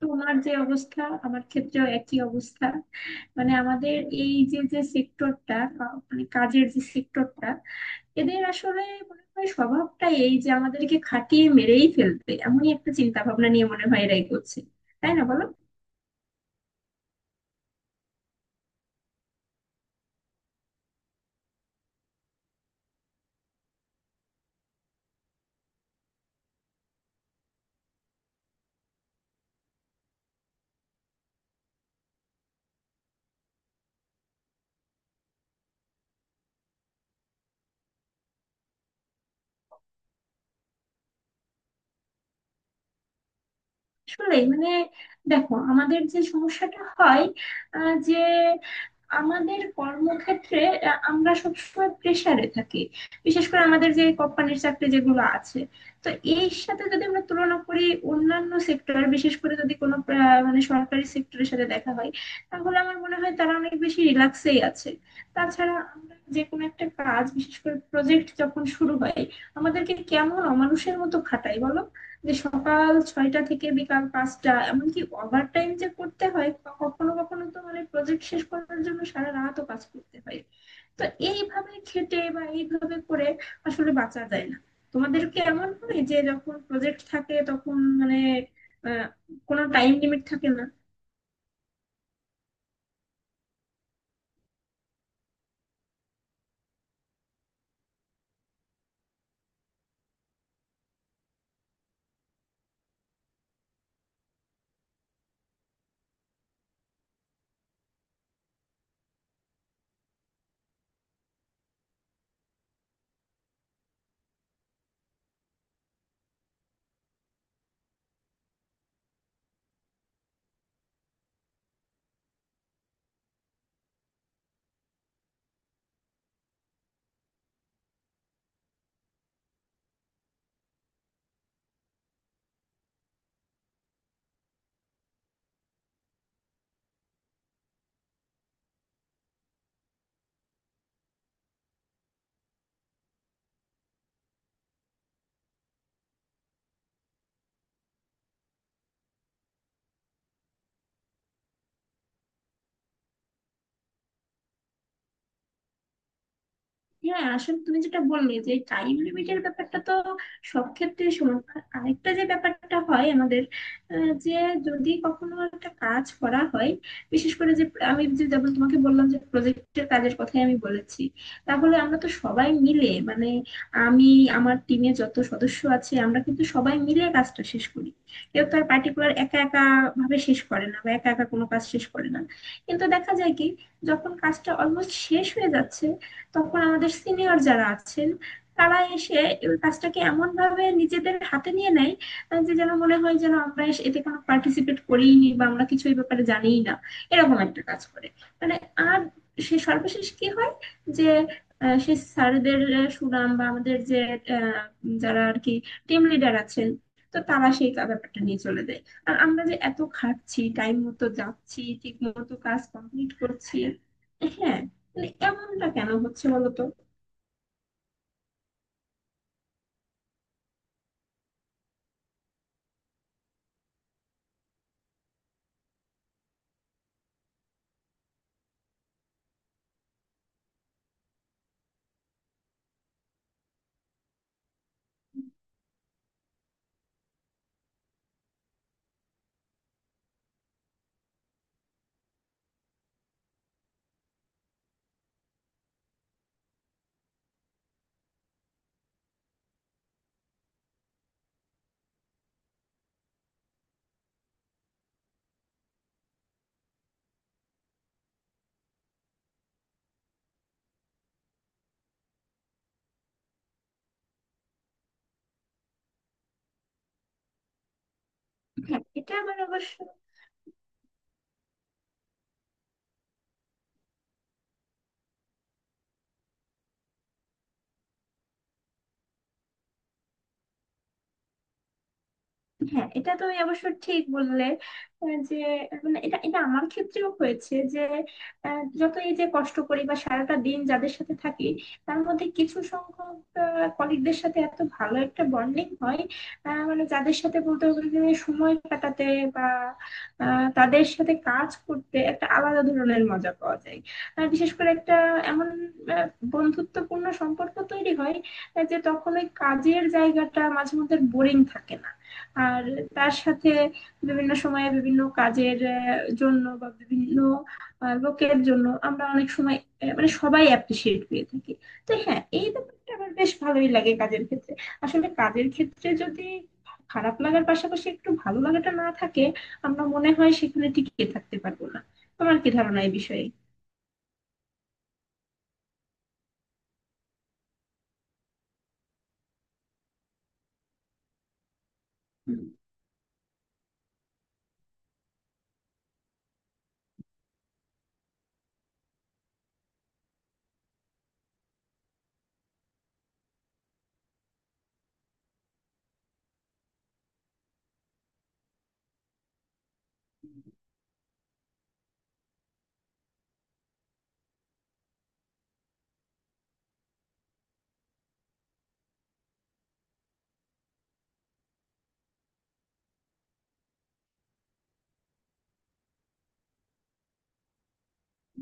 তোমার যে অবস্থা, আমার ক্ষেত্রেও একই অবস্থা। মানে আমাদের এই যে যে সেক্টরটা, মানে কাজের যে সেক্টরটা, এদের আসলে মনে হয় স্বভাবটাই এই যে আমাদেরকে খাটিয়ে মেরেই ফেলবে, এমনই একটা চিন্তা ভাবনা নিয়ে মনে হয় এরা এগোচ্ছে। তাই না, বলো? আসলে মানে দেখো, আমাদের যে সমস্যাটা হয় যে আমাদের কর্মক্ষেত্রে আমরা সবসময় প্রেসারে থাকি, বিশেষ করে আমাদের যে কোম্পানির চাকরি যেগুলো আছে। তো এই সাথে যদি আমরা তুলনা করি অন্যান্য সেক্টর, বিশেষ করে যদি কোনো মানে সরকারি সেক্টরের সাথে দেখা হয়, তাহলে আমার মনে হয় তারা অনেক বেশি রিল্যাক্সেই আছে। তাছাড়া আমরা যে কোনো একটা কাজ, বিশেষ করে প্রজেক্ট যখন শুরু হয়, আমাদেরকে কেমন অমানুষের মতো খাটায়, বলো? যে সকাল ছয়টা থেকে বিকাল পাঁচটা, এমনকি ওভার টাইম যে করতে হয়, কখনো কখনো তো মানে প্রজেক্ট শেষ করার জন্য সারা রাতও কাজ করতে হয়। তো এইভাবে খেটে বা এইভাবে করে আসলে বাঁচা যায় না। তোমাদের কি এমন হয় যে যখন প্রজেক্ট থাকে তখন মানে আহ, কোনো টাইম লিমিট থাকে না? হ্যাঁ, আসলে তুমি যেটা বললে যে টাইম লিমিটের ব্যাপারটা তো সব ক্ষেত্রে সমান। আর আরেকটা যে ব্যাপারটা হয় আমাদের, যে যদি কখনো একটা কাজ করা হয়, বিশেষ করে যে আমি, যে যেমন তোমাকে বললাম যে প্রজেক্টের কাজের কথাই আমি বলেছি, তাহলে আমরা তো সবাই মিলে মানে, আমি, আমার টিমে যত সদস্য আছে, আমরা কিন্তু সবাই মিলে কাজটা শেষ করি। কেউ তো আর পার্টিকুলার একা একা ভাবে শেষ করে না বা একা একা কোনো কাজ শেষ করে না। কিন্তু দেখা যায় কি, যখন কাজটা অলমোস্ট শেষ হয়ে যাচ্ছে, তখন আমাদের সিনিয়র যারা আছেন, তারা এসে ওই কাজটাকে এমন ভাবে নিজেদের হাতে নিয়ে নেয় যে যেন মনে হয় যেন আমরা এতে কোনো পার্টিসিপেট করিনি বা আমরা কিছু এই ব্যাপারে জানিই না, এরকম একটা কাজ করে। মানে, আর সে সর্বশেষ কি হয় যে সে স্যারদের সুনাম বা আমাদের যে আহ, যারা আর কি টিম লিডার আছেন, তো তারা সেই ব্যাপারটা নিয়ে চলে যায়। আর আমরা যে এত খাচ্ছি, টাইম মতো যাচ্ছি, ঠিক মতো কাজ কমপ্লিট করছি। হ্যাঁ, মানে এমনটা কেন হচ্ছে, বলতো? হ্যাঁ, এটা আমার অবশ্য। হ্যাঁ, এটা তুমি অবশ্য ঠিক বললে। যে মানে এটা এটা আমার ক্ষেত্রেও হয়েছে যে যত এই যে কষ্ট করি বা সারাটা দিন যাদের সাথে থাকি, তার মধ্যে কিছু সংখ্যক কলিগদের সাথে এত ভালো একটা বন্ডিং হয়, মানে যাদের সাথে বলতে গেলে যে সময় কাটাতে বা তাদের সাথে কাজ করতে একটা আলাদা ধরনের মজা পাওয়া যায়। আর বিশেষ করে একটা এমন আহ, বন্ধুত্বপূর্ণ সম্পর্ক তৈরি হয় যে তখন ওই কাজের জায়গাটা মাঝে মধ্যে বোরিং থাকে না। আর তার সাথে বিভিন্ন সময়ে বিভিন্ন কাজের জন্য বা বিভিন্ন লোকের জন্য আমরা অনেক সময় মানে সবাই অ্যাপ্রিসিয়েট পেয়ে থাকি। তো হ্যাঁ, এই ব্যাপারটা আমার বেশ ভালোই লাগে কাজের ক্ষেত্রে। আসলে কাজের ক্ষেত্রে যদি খারাপ লাগার পাশাপাশি একটু ভালো লাগাটা না থাকে, আমরা মনে হয় সেখানে টিকে থাকতে পারবো না। তোমার কি ধারণা এই বিষয়ে? হুম।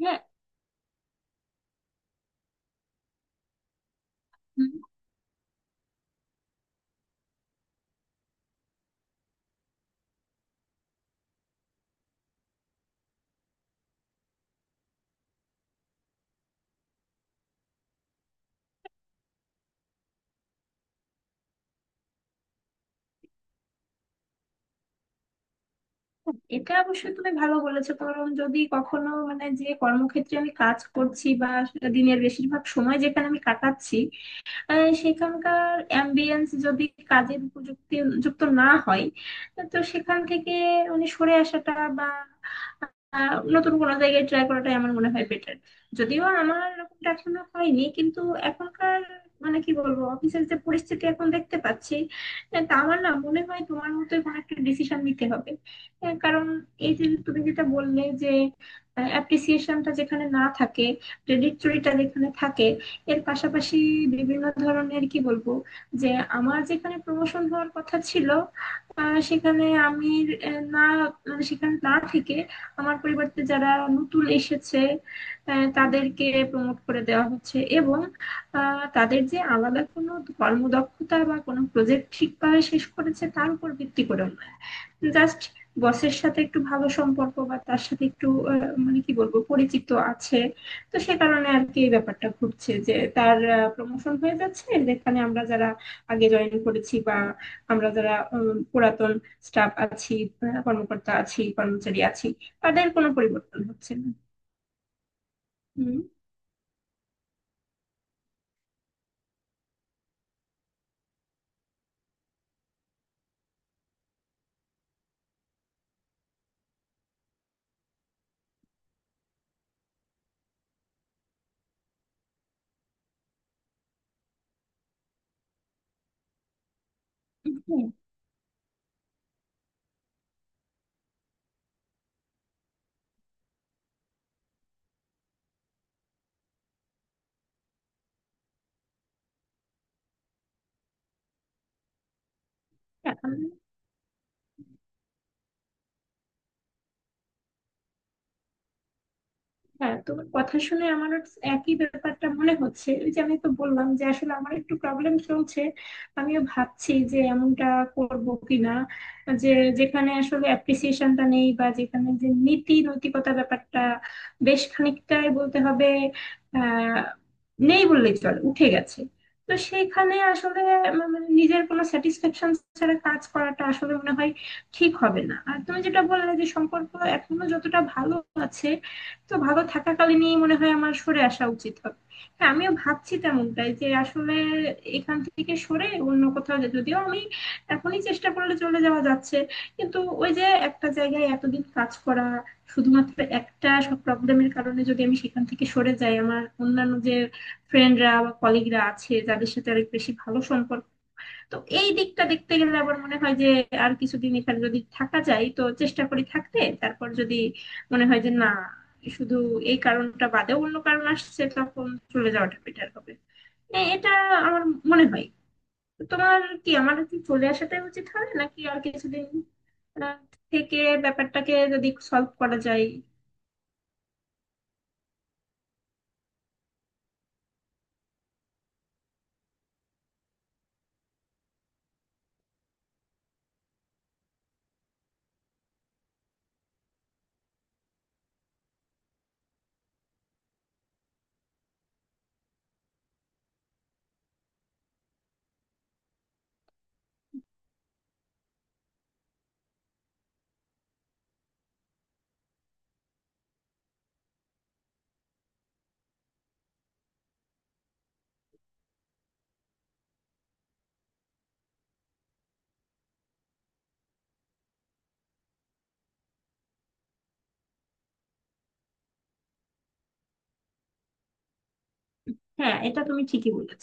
হ্যাঁ, এটা অবশ্যই তুমি ভালো বলেছো, কারণ যদি কখনো মানে যে কর্মক্ষেত্রে আমি কাজ করছি বা সেটা দিনের বেশিরভাগ সময় যেখানে আমি কাটাচ্ছি, সেখানকার অ্যাম্বিয়েন্স যদি কাজের উপযুক্তি যুক্ত না হয়, তো সেখান থেকে উনি সরে আসাটা বা আহ, নতুন কোনো জায়গায় ট্রাই করাটাই আমার মনে হয় বেটার। যদিও আমার এরকমটা এখনো হয়নি, কিন্তু এখনকার, মানে কি বলবো, অফিসের যে পরিস্থিতি এখন দেখতে পাচ্ছি, তা আমার না মনে হয় তোমার মতোই কোনো একটা ডিসিশন নিতে হবে। কারণ এই যে তুমি যেটা বললে যে অ্যাপ্রিসিয়েশনটা যেখানে না থাকে, ক্রেডিটরিটা যেখানে থাকে, এর পাশাপাশি বিভিন্ন ধরনের, কি বলবো, যে আমার যেখানে প্রমোশন হওয়ার কথা ছিল, সেখানে আমি না, মানে সেখানে না থেকে আমার পরিবর্তে যারা নতুন এসেছে, তাদেরকে প্রমোট করে দেওয়া হচ্ছে। এবং তাদের যে আলাদা কোনো কর্মদক্ষতা বা কোনো প্রজেক্ট ঠিকভাবে শেষ করেছে তার উপর ভিত্তি করেও নয়, জাস্ট বসের সাথে একটু ভালো সম্পর্ক বা তার সাথে একটু মানে কি বলবো পরিচিত আছে। তো সে কারণে আর কি এই ব্যাপারটা ঘটছে যে তার প্রমোশন হয়ে যাচ্ছে, যেখানে আমরা যারা আগে জয়েন করেছি বা আমরা যারা পুরাতন স্টাফ আছি, কর্মকর্তা আছি, কর্মচারী আছি, তাদের কোনো পরিবর্তন হচ্ছে না। হুম। হুম। এখন হ্যাঁ, তোমার কথা শুনে আমারও একই ব্যাপারটা মনে হচ্ছে। ওই যে আমি তো বললাম যে আসলে আমার একটু প্রবলেম চলছে, আমিও ভাবছি যে এমনটা করব কিনা, যে যেখানে আসলে অ্যাপ্রিসিয়েশনটা নেই বা যেখানে যে নীতি নৈতিকতা ব্যাপারটা বেশ খানিকটাই, বলতে হবে, আহ নেই বললেই চলে, উঠে গেছে। তো সেখানে আসলে আমার মানে নিজের কোনো স্যাটিসফ্যাকশন ছাড়া কাজ করাটা আসলে মনে হয় ঠিক হবে না। আর তুমি যেটা বললে যে সম্পর্ক এখনো যতটা ভালো আছে, তো ভালো থাকাকালীনই মনে হয় আমার সরে আসা উচিত হবে। হ্যাঁ, আমিও ভাবছি তেমনটাই, যে আসলে এখান থেকে সরে অন্য কোথাও যদিও আমি এখনই চেষ্টা করলে চলে যাওয়া যাচ্ছে, কিন্তু ওই যে একটা জায়গায় এতদিন কাজ করা, শুধুমাত্র একটা সব প্রবলেমের কারণে যদি আমি সেখান থেকে সরে যাই, আমার অন্যান্য যে ফ্রেন্ডরা বা কলিগরা আছে যাদের সাথে অনেক বেশি ভালো সম্পর্ক, তো এই দিকটা দেখতে গেলে আবার মনে হয় যে আর কিছুদিন এখানে যদি থাকা যায় তো চেষ্টা করি থাকতে, তারপর যদি মনে হয় যে না, শুধু এই কারণটা বাদেও অন্য কারণ আসছে, তখন চলে যাওয়াটা বেটার হবে। এটা আমার মনে হয়। তো তোমার কি, আমার কি চলে আসাটাই উচিত হয় নাকি আর কিছুদিন আহ, থেকে ব্যাপারটাকে যদি সলভ করা যায়? হ্যাঁ, এটা তুমি ঠিকই বলেছ।